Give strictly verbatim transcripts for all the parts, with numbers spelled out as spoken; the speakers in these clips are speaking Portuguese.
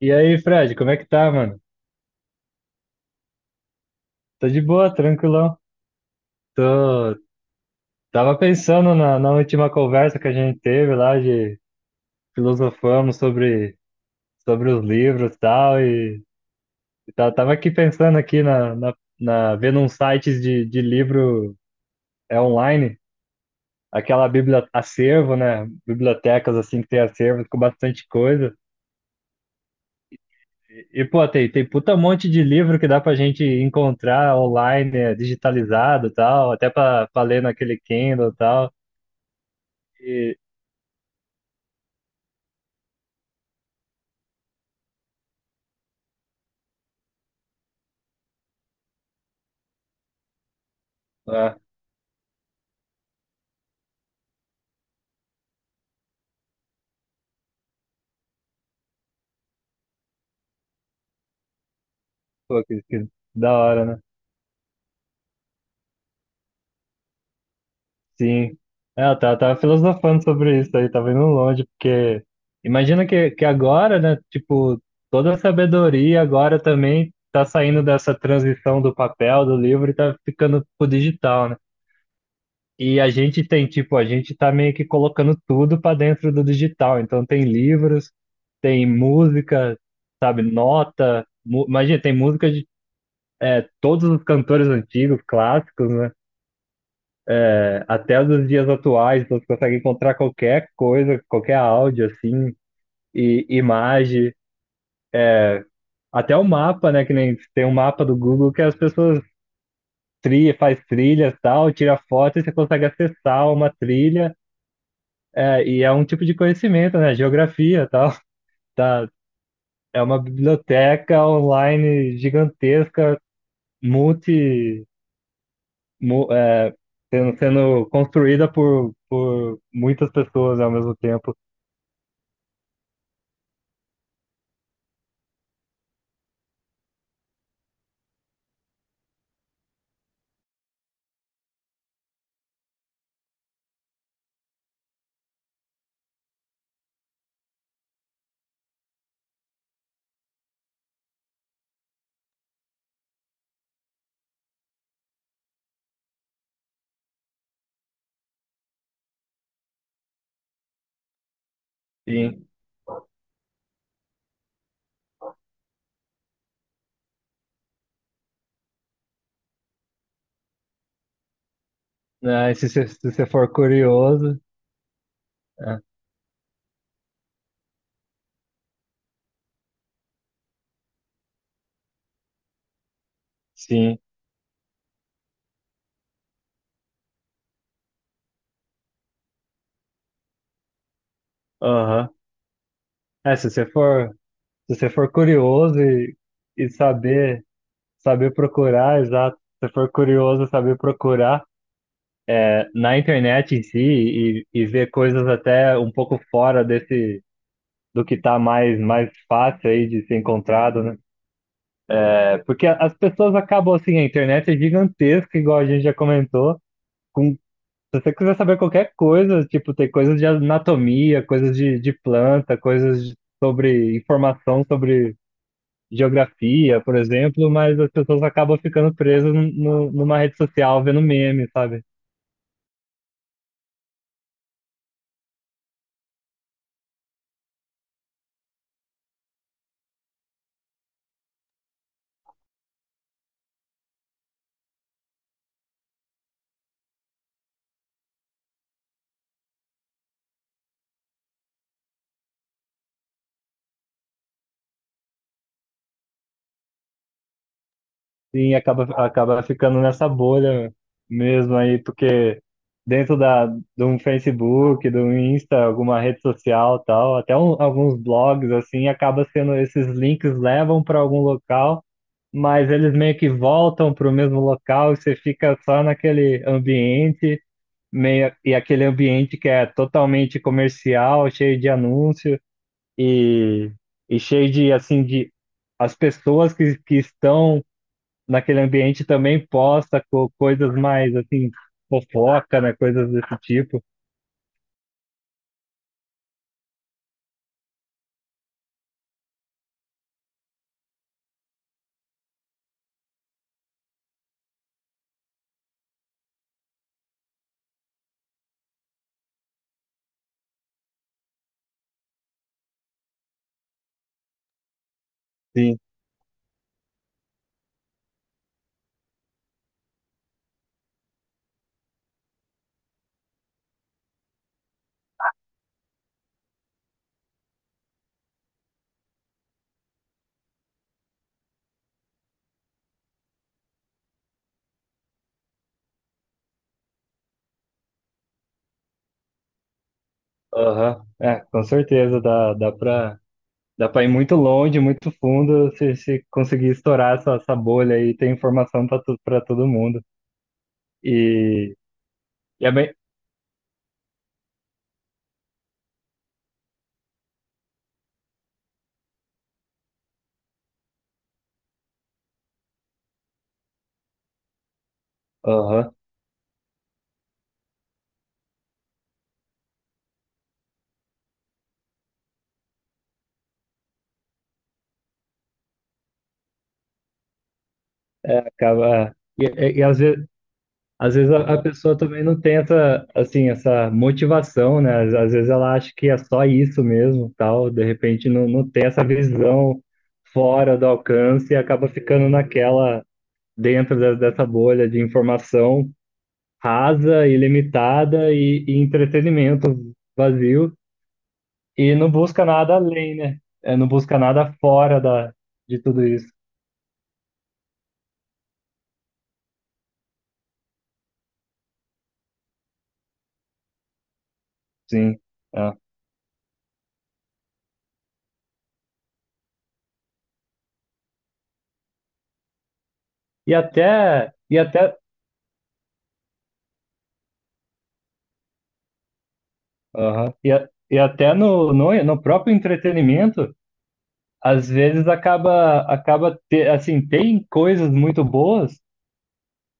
E aí, Fred, como é que tá, mano? Tô de boa, tranquilão. Tô... Tava pensando na, na última conversa que a gente teve lá, de filosofamos sobre, sobre os livros e tal, e, e ta- tava aqui pensando aqui na, na, na- vendo uns sites de, de livro é, online, aquela biblia, acervo, né? Bibliotecas assim que tem acervos com bastante coisa. E, e, pô, tem, tem puta monte de livro que dá pra gente encontrar online, é, digitalizado e tal, até pra, pra ler naquele Kindle e tal. E, ah, pô, que, que da hora, né? Sim. É, eu tava, tava filosofando sobre isso aí, tava indo longe, porque imagina que, que agora, né, tipo, toda a sabedoria agora também tá saindo dessa transição do papel, do livro e tá ficando pro digital, né? E a gente tem, tipo, a gente tá meio que colocando tudo pra dentro do digital. Então tem livros, tem música, sabe, nota. mu- Imagina, tem música de todos os cantores antigos, clássicos, né? Até nos dias atuais, então você consegue encontrar qualquer coisa, qualquer áudio, assim, e imagem, até o mapa, né? Que nem tem um mapa do Google que as pessoas trilha, faz trilhas e tal, tira foto e você consegue acessar uma trilha, é, e é um tipo de conhecimento, né? Geografia e tal. Tá, é uma biblioteca online gigantesca, multi, mu- é, sendo, sendo construída por, por muitas pessoas ao mesmo tempo. Sim. Né, se você se você for curioso, é, sim, aham. É, se você for, se você for curioso e, e saber, saber procurar, exato. Se você for curioso e saber procurar é, na internet em si e, e ver coisas até um pouco fora desse do que tá mais mais fácil aí de ser encontrado, né? É, porque a- as pessoas acabam assim, a internet é gigantesca, igual a gente já comentou, com. Se você quiser saber qualquer coisa, tipo, tem coisas de anatomia, coisas de, de planta, coisas de- sobre informação sobre geografia, por exemplo, mas as pessoas acabam ficando presas num- num- numa rede social vendo meme, sabe? Sim, acaba, acaba ficando nessa bolha mesmo aí, porque dentro da, de um Facebook, do um Insta, alguma rede social tal, até um- alguns blogs, assim, acaba sendo, esses links levam para algum local, mas eles meio que voltam para o mesmo local e você fica só naquele ambiente meio, e aquele ambiente que é totalmente comercial, cheio de anúncio, e, e cheio de, assim, de as pessoas que, que estão naquele ambiente também posta co coisas mais, assim, fofoca, né? Coisas desse tipo. Sim. Aham. É, com certeza dá, dá pra, dá pra ir muito longe, muito fundo se, se conseguir estourar essa, essa bolha e ter informação pra, tu, pra todo mundo. E, e é bem. Aham. Acaba. E, e, e às vezes, às vezes a, a pessoa também não tenta, assim, essa motivação, né? Às, às vezes ela acha que é só isso mesmo, tal, de repente não, não tem essa visão fora do alcance e acaba ficando naquela, dentro de- dessa bolha de informação rasa, ilimitada e, e entretenimento vazio e não busca nada além, né? É, não busca nada fora da, de tudo isso, sim. É. E até, e até aham. E, a- e até no, no, no próprio entretenimento, às vezes acaba, acaba te- assim, tem coisas muito boas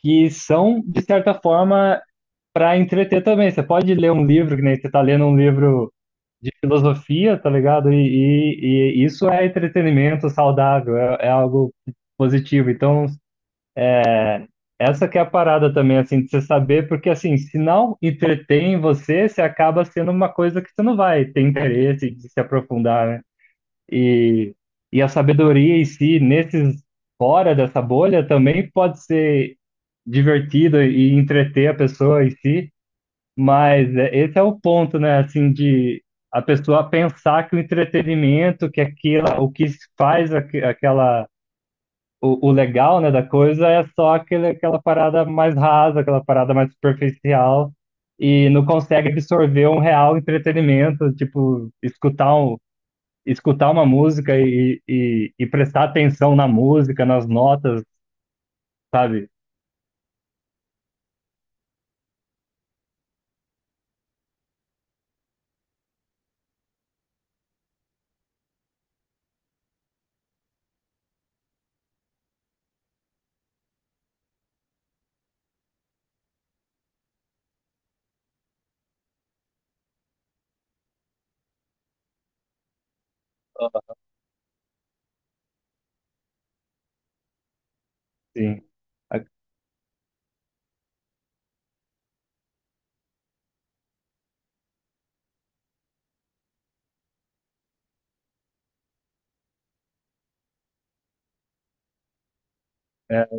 que são, de certa forma, para entreter também. Você pode ler um livro, que nem você está lendo um livro de filosofia, tá ligado? E, e, e isso é entretenimento saudável, é, é algo positivo. Então, é, essa que é a parada também, assim, de você saber, porque assim, se não entretém você, você acaba sendo uma coisa que você não vai ter interesse de se aprofundar, né? E, e a sabedoria em si, nesses fora dessa bolha, também pode ser divertida e entreter a pessoa em si, mas é- esse é o ponto, né? Assim, de a pessoa pensar que o entretenimento, que aquilo, o que faz aque- aquela o, o legal, né, da coisa é só aquele, aquela parada mais rasa, aquela parada mais superficial, e não consegue absorver um real entretenimento, tipo, escutar, um, escutar uma música e, e, e prestar atenção na música, nas notas, sabe? Assim, a-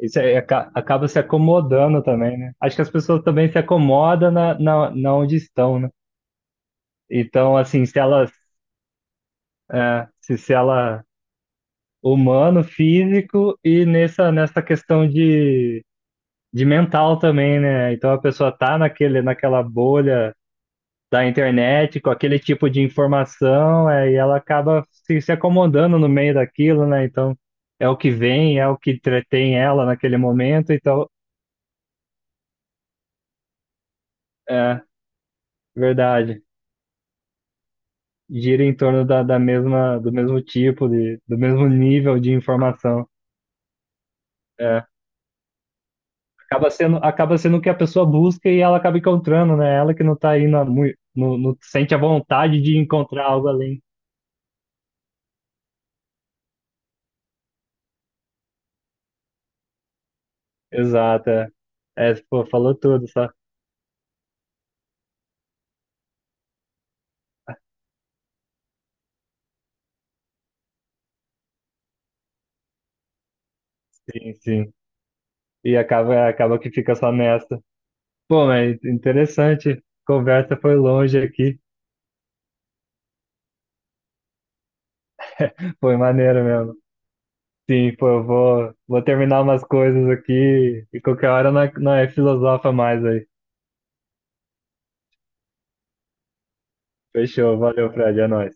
isso aí aca- acaba se acomodando também, né? Acho que as pessoas também se acomodam na, na, na onde estão, né? Então, assim, se elas, é, se, se ela humano, físico e nessa, nessa questão de, de mental também, né? Então a pessoa tá naquele, naquela bolha da internet, com aquele tipo de informação, é, e ela acaba se, se acomodando no meio daquilo, né? Então é o que vem, é o que entretém ela naquele momento, então é verdade. Gira em torno da, da mesma, do mesmo tipo, de, do mesmo nível de informação. É. Acaba sendo, acaba sendo o que a pessoa busca e ela acaba encontrando, né? Ela que não tá aí na, mui- no, no- sente a vontade de encontrar algo além. Exato. É, é, pô, falou tudo, só. Sim, sim. E acaba, acaba que fica só nessa. Pô, mas interessante. Conversa foi longe aqui. Foi maneiro mesmo. Sim, pô, eu vou, vou terminar umas coisas aqui e qualquer hora não é, é filosofa mais aí. Fechou, valeu, Fred, é nóis.